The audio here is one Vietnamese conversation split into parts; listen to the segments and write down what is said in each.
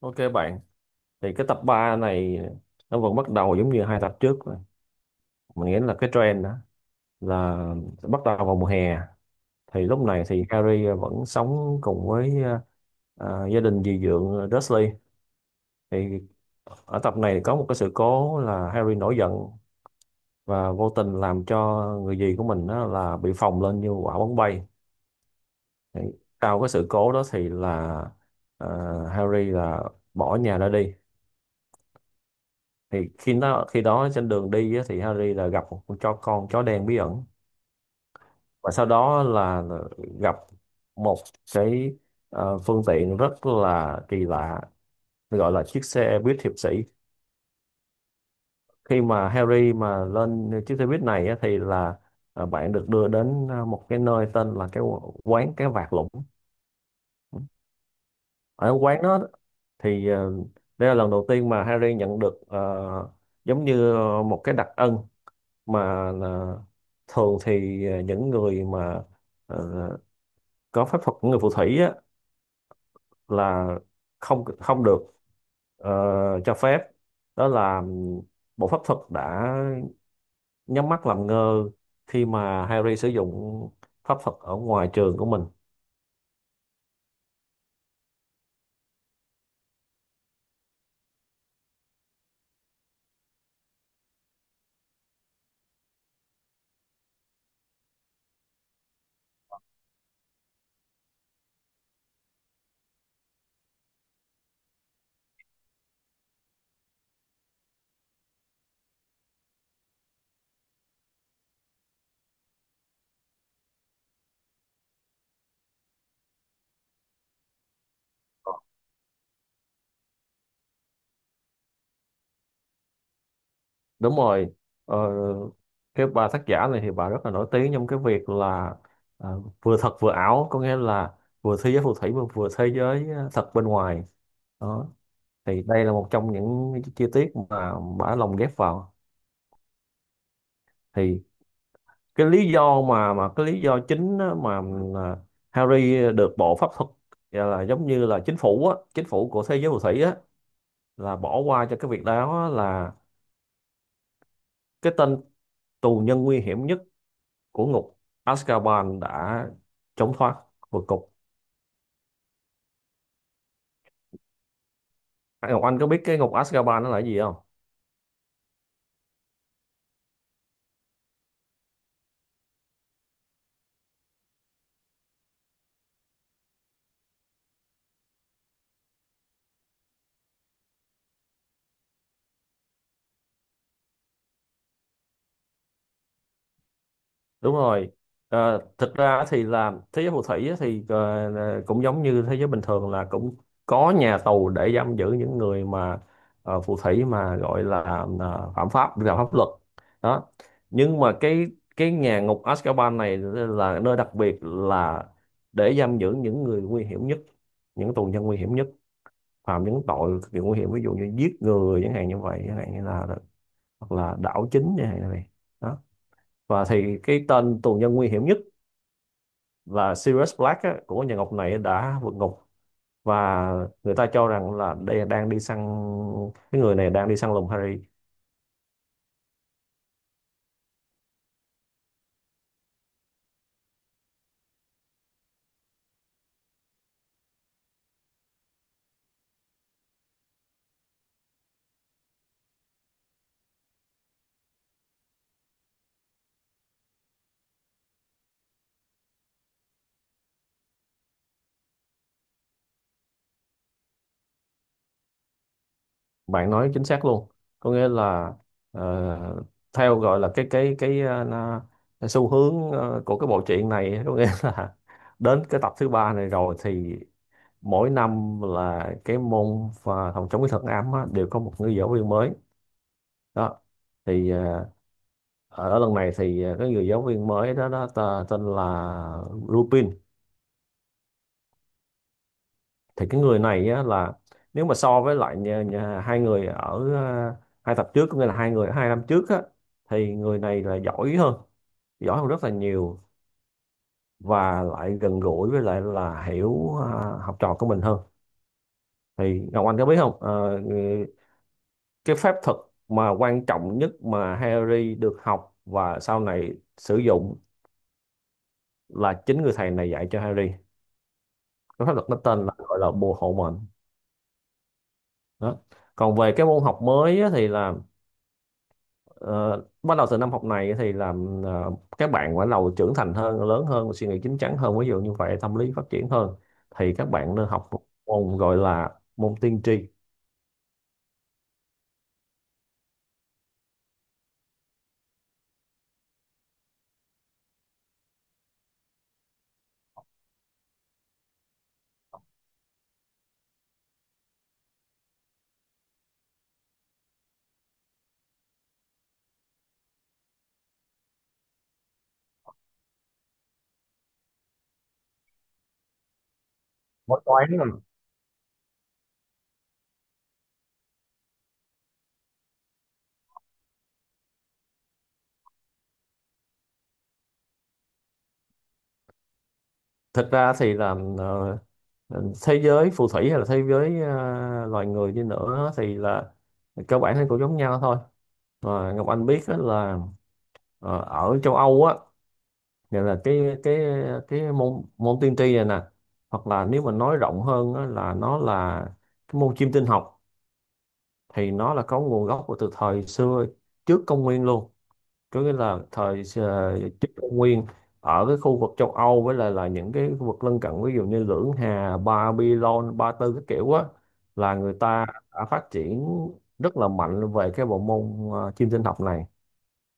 Ok bạn, thì cái tập 3 này nó vẫn bắt đầu giống như 2 tập trước rồi. Mình nghĩ là cái trend đó là bắt đầu vào mùa hè. Thì lúc này thì Harry vẫn sống cùng với gia đình dì dượng Dursley. Thì ở tập này có một cái sự cố là Harry nổi giận và vô tình làm cho người dì của mình đó là bị phồng lên như quả bóng bay. Thì sau cái sự cố đó thì là ờ, Harry là bỏ nhà ra đi. Thì khi đó trên đường đi á, thì Harry là gặp một con chó đen bí ẩn, và sau đó là gặp một cái phương tiện rất là kỳ lạ gọi là chiếc xe buýt hiệp sĩ. Khi mà Harry mà lên chiếc xe buýt này á, thì là bạn được đưa đến một cái nơi tên là cái quán cái vạc lũng. Ở quán đó thì đây là lần đầu tiên mà Harry nhận được giống như một cái đặc ân mà là thường thì những người mà ờ, có pháp thuật của người phù thủy á, là không không được ờ, cho phép, đó là bộ pháp thuật đã nhắm mắt làm ngơ khi mà Harry sử dụng pháp thuật ở ngoài trường của mình. Đúng rồi. ờ, cái bà tác giả này thì bà rất là nổi tiếng trong cái việc là vừa thật vừa ảo, có nghĩa là vừa thế giới phù thủy mà vừa thế giới thật bên ngoài đó. Thì đây là một trong những cái chi tiết mà bả lồng ghép vào. Thì cái lý do mà cái lý do chính á, mà là Harry được bộ pháp thuật gọi là giống như là chính phủ á, chính phủ của thế giới phù thủy á là bỏ qua cho cái việc đó á, là cái tên tù nhân nguy hiểm nhất của ngục Azkaban đã trốn thoát vượt cục. Ngọc Anh có biết cái ngục Azkaban nó là cái gì không? Đúng rồi. Thực ra thì là thế giới phù thủy á thì cũng giống như thế giới bình thường là cũng có nhà tù để giam giữ những người mà phù thủy mà gọi là phạm pháp vi phạm pháp luật đó. Nhưng mà cái nhà ngục Azkaban này là nơi đặc biệt là để giam giữ những người nguy hiểm nhất, những tù nhân nguy hiểm nhất, phạm những tội cực kỳ nguy hiểm, ví dụ như giết người chẳng hạn như vậy, chẳng hạn như là hoặc là đảo chính chẳng hạn như vậy đó. Và thì cái tên tù nhân nguy hiểm nhất là Sirius Black á, của nhà Ngọc này đã vượt ngục, và người ta cho rằng là đây đang đi săn, cái người này đang đi săn lùng Harry. Bạn nói chính xác luôn, có nghĩa là ờ, theo gọi là cái, cái xu hướng của cái bộ truyện này, có nghĩa là đến cái tập thứ ba này rồi thì mỗi năm là cái môn và phòng chống cái thuật ám á, đều có một người giáo viên mới đó. Thì ở lần này thì cái người giáo viên mới đó, đó ta, tên là Lupin. Thì cái người này á, là nếu mà so với lại nhà, nhà, hai người ở hai tập trước, có nghĩa là hai người 2 năm trước á, thì người này là giỏi hơn, giỏi hơn rất là nhiều và lại gần gũi với lại là hiểu học trò của mình hơn. Thì Ngọc Anh có biết không, cái phép thuật mà quan trọng nhất mà Harry được học và sau này sử dụng là chính người thầy này dạy cho Harry, cái pháp luật nó tên là gọi là bồ hộ mệnh đó. Còn về cái môn học mới á, thì là ờ, bắt đầu từ năm học này thì là ờ, các bạn bắt đầu trưởng thành hơn, lớn hơn, suy nghĩ chín chắn hơn, ví dụ như vậy, tâm lý phát triển hơn, thì các bạn nên học một môn gọi là môn tiên tri. Thực ra thì là thế giới phù thủy hay là thế giới loài người đi nữa thì là cơ bản thì cũng giống nhau thôi. Và Ngọc Anh biết á là ở châu Âu á, nghĩa là cái môn môn tiên tri này nè, hoặc là nếu mà nói rộng hơn á, là nó là cái môn chiêm tinh học, thì nó là có nguồn gốc của từ thời xưa, trước công nguyên luôn, có nghĩa là thời trước công nguyên ở cái khu vực châu Âu với lại là những cái khu vực lân cận, ví dụ như Lưỡng Hà, Babylon, Ba Tư các kiểu á, là người ta đã phát triển rất là mạnh về cái bộ môn chiêm tinh học này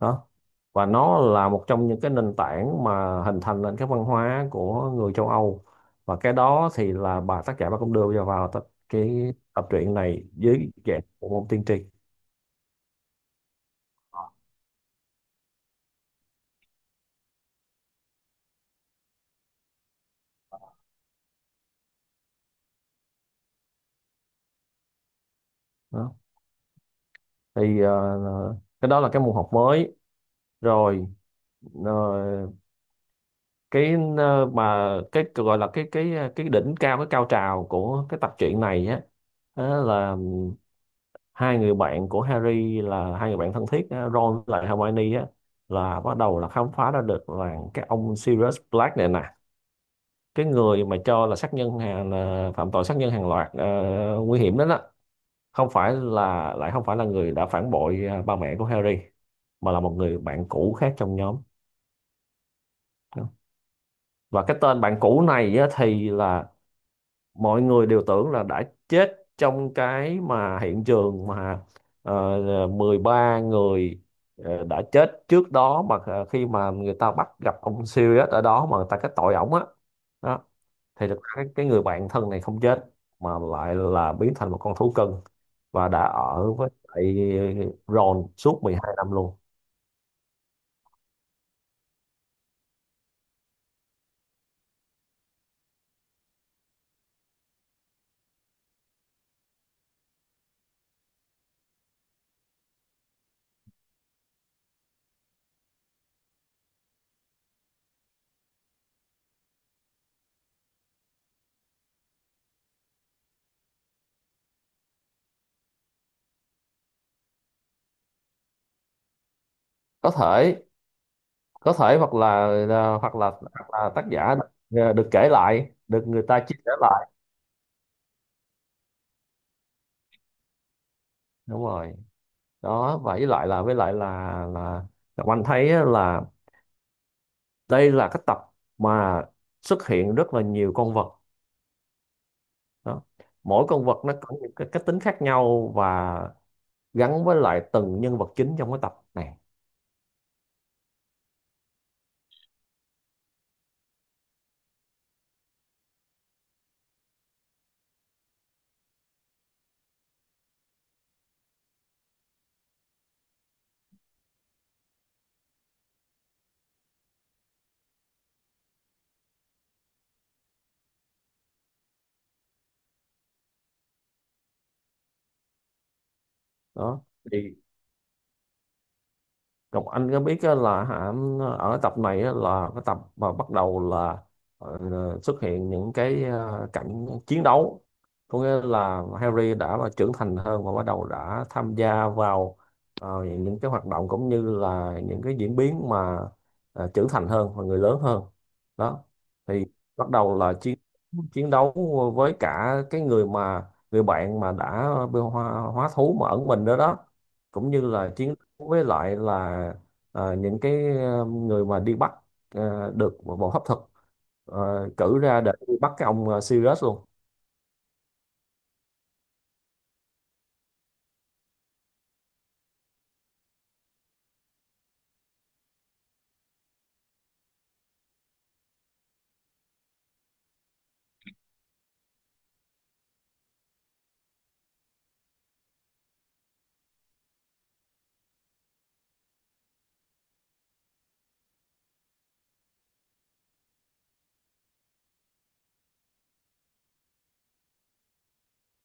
đó. Và nó là một trong những cái nền tảng mà hình thành nền cái văn hóa của người châu Âu. Và cái đó thì là bà tác giả bà cũng đưa vào vào tập, cái tập truyện này dưới dạng của môn tiên tri đó. Thì cái đó là cái môn học mới rồi. ờ, cái mà cái gọi là cái cái đỉnh cao, cái cao trào của cái tập truyện này á, đó là hai người bạn của Harry là hai người bạn thân thiết á, Ron với lại Hermione á, là bắt đầu là khám phá ra được là cái ông Sirius Black này nè, cái người mà cho là sát nhân hàng là phạm tội sát nhân hàng loạt nguy hiểm đó đó, không phải là lại không phải là người đã phản bội à, ba mẹ của Harry, mà là một người bạn cũ khác trong nhóm. Và cái tên bạn cũ này á, thì là mọi người đều tưởng là đã chết trong cái mà hiện trường mà ờ, 13 người đã chết trước đó mà khi mà người ta bắt gặp ông Sirius ở đó mà người ta kết tội ổng á đó. Thì được cái người bạn thân này không chết mà lại là biến thành một con thú cưng và đã ở với lại Ron suốt 12 năm luôn. có thể có thể hoặc là hoặc là tác giả được kể lại, được người ta chia sẻ lại. Đúng rồi, đó vậy lại là với lại là Ngọc Anh thấy á, là đây là cái tập mà xuất hiện rất là nhiều con vật đó. Mỗi con vật nó có những cái tính khác nhau và gắn với lại từng nhân vật chính trong cái tập này đó. Thì Ngọc Anh có biết á là hả, ở tập này á là cái tập mà bắt đầu là ờ, xuất hiện những cái cảnh chiến đấu, có nghĩa là Harry đã là trưởng thành hơn và bắt đầu đã tham gia vào những cái hoạt động cũng như là những cái diễn biến mà trưởng thành hơn và người lớn hơn đó. Thì bắt đầu là chiến chiến đấu với cả cái người mà người bạn mà đã bị hóa thú mà ẩn mình đó đó, cũng như là chiến với lại là những cái người mà đi bắt được bộ hấp thực cử ra để đi bắt cái ông Sirius luôn.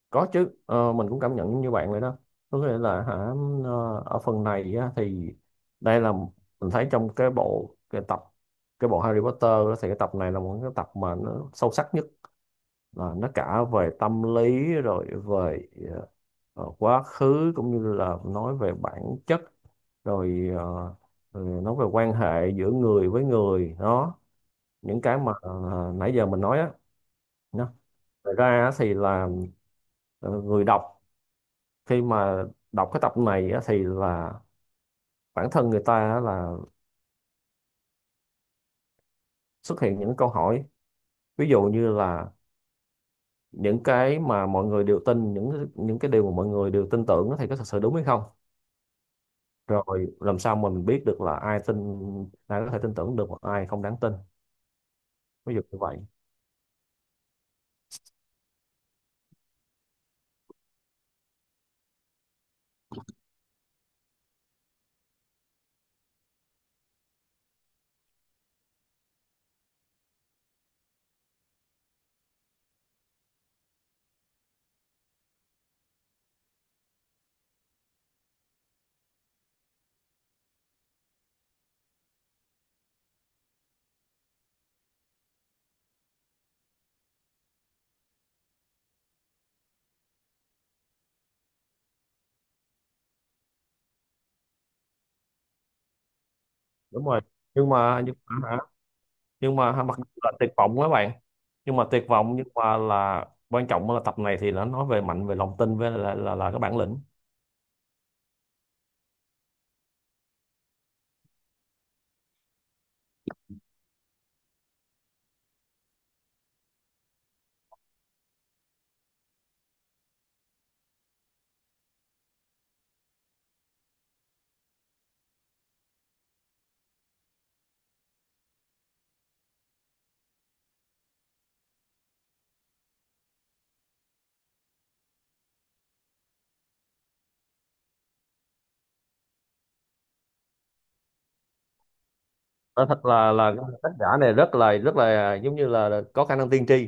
Có chứ, mình cũng cảm nhận như bạn vậy đó, có nghĩa là hả, ở phần này á, thì đây là mình thấy trong cái bộ cái tập cái bộ Harry Potter á, thì cái tập này là một cái tập mà nó sâu sắc nhất, là nó cả về tâm lý rồi về quá khứ cũng như là nói về bản chất, rồi nói về quan hệ giữa người với người đó, những cái mà nãy giờ mình nói á nhá. Thật ra á thì là người đọc khi mà đọc cái tập này á, thì là bản thân người ta á là xuất hiện những câu hỏi, ví dụ như là những cái mà mọi người đều tin những cái điều mà mọi người đều tin tưởng á thì có thật sự đúng hay không, rồi làm sao mà mình biết được là ai tin, ai có thể tin tưởng được và ai không đáng tin, ví dụ như vậy. Đúng rồi. Nhưng mà hả, nhưng mà mặc dù là tuyệt vọng các bạn, nhưng mà tuyệt vọng nhưng mà là quan trọng là tập này thì nó nói về mạnh về lòng tin với là cái bản lĩnh. Nói thật là cái tác giả này rất là giống như là có khả năng tiên tri.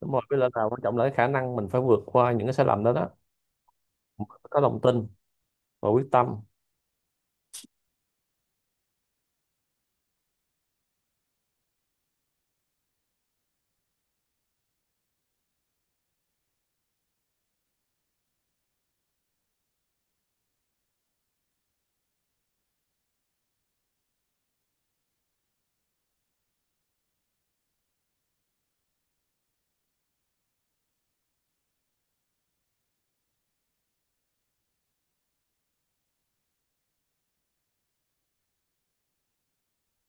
Đúng rồi, với lại là quan trọng là cái khả năng mình phải vượt qua những cái sai lầm đó đó, có lòng tin và quyết tâm.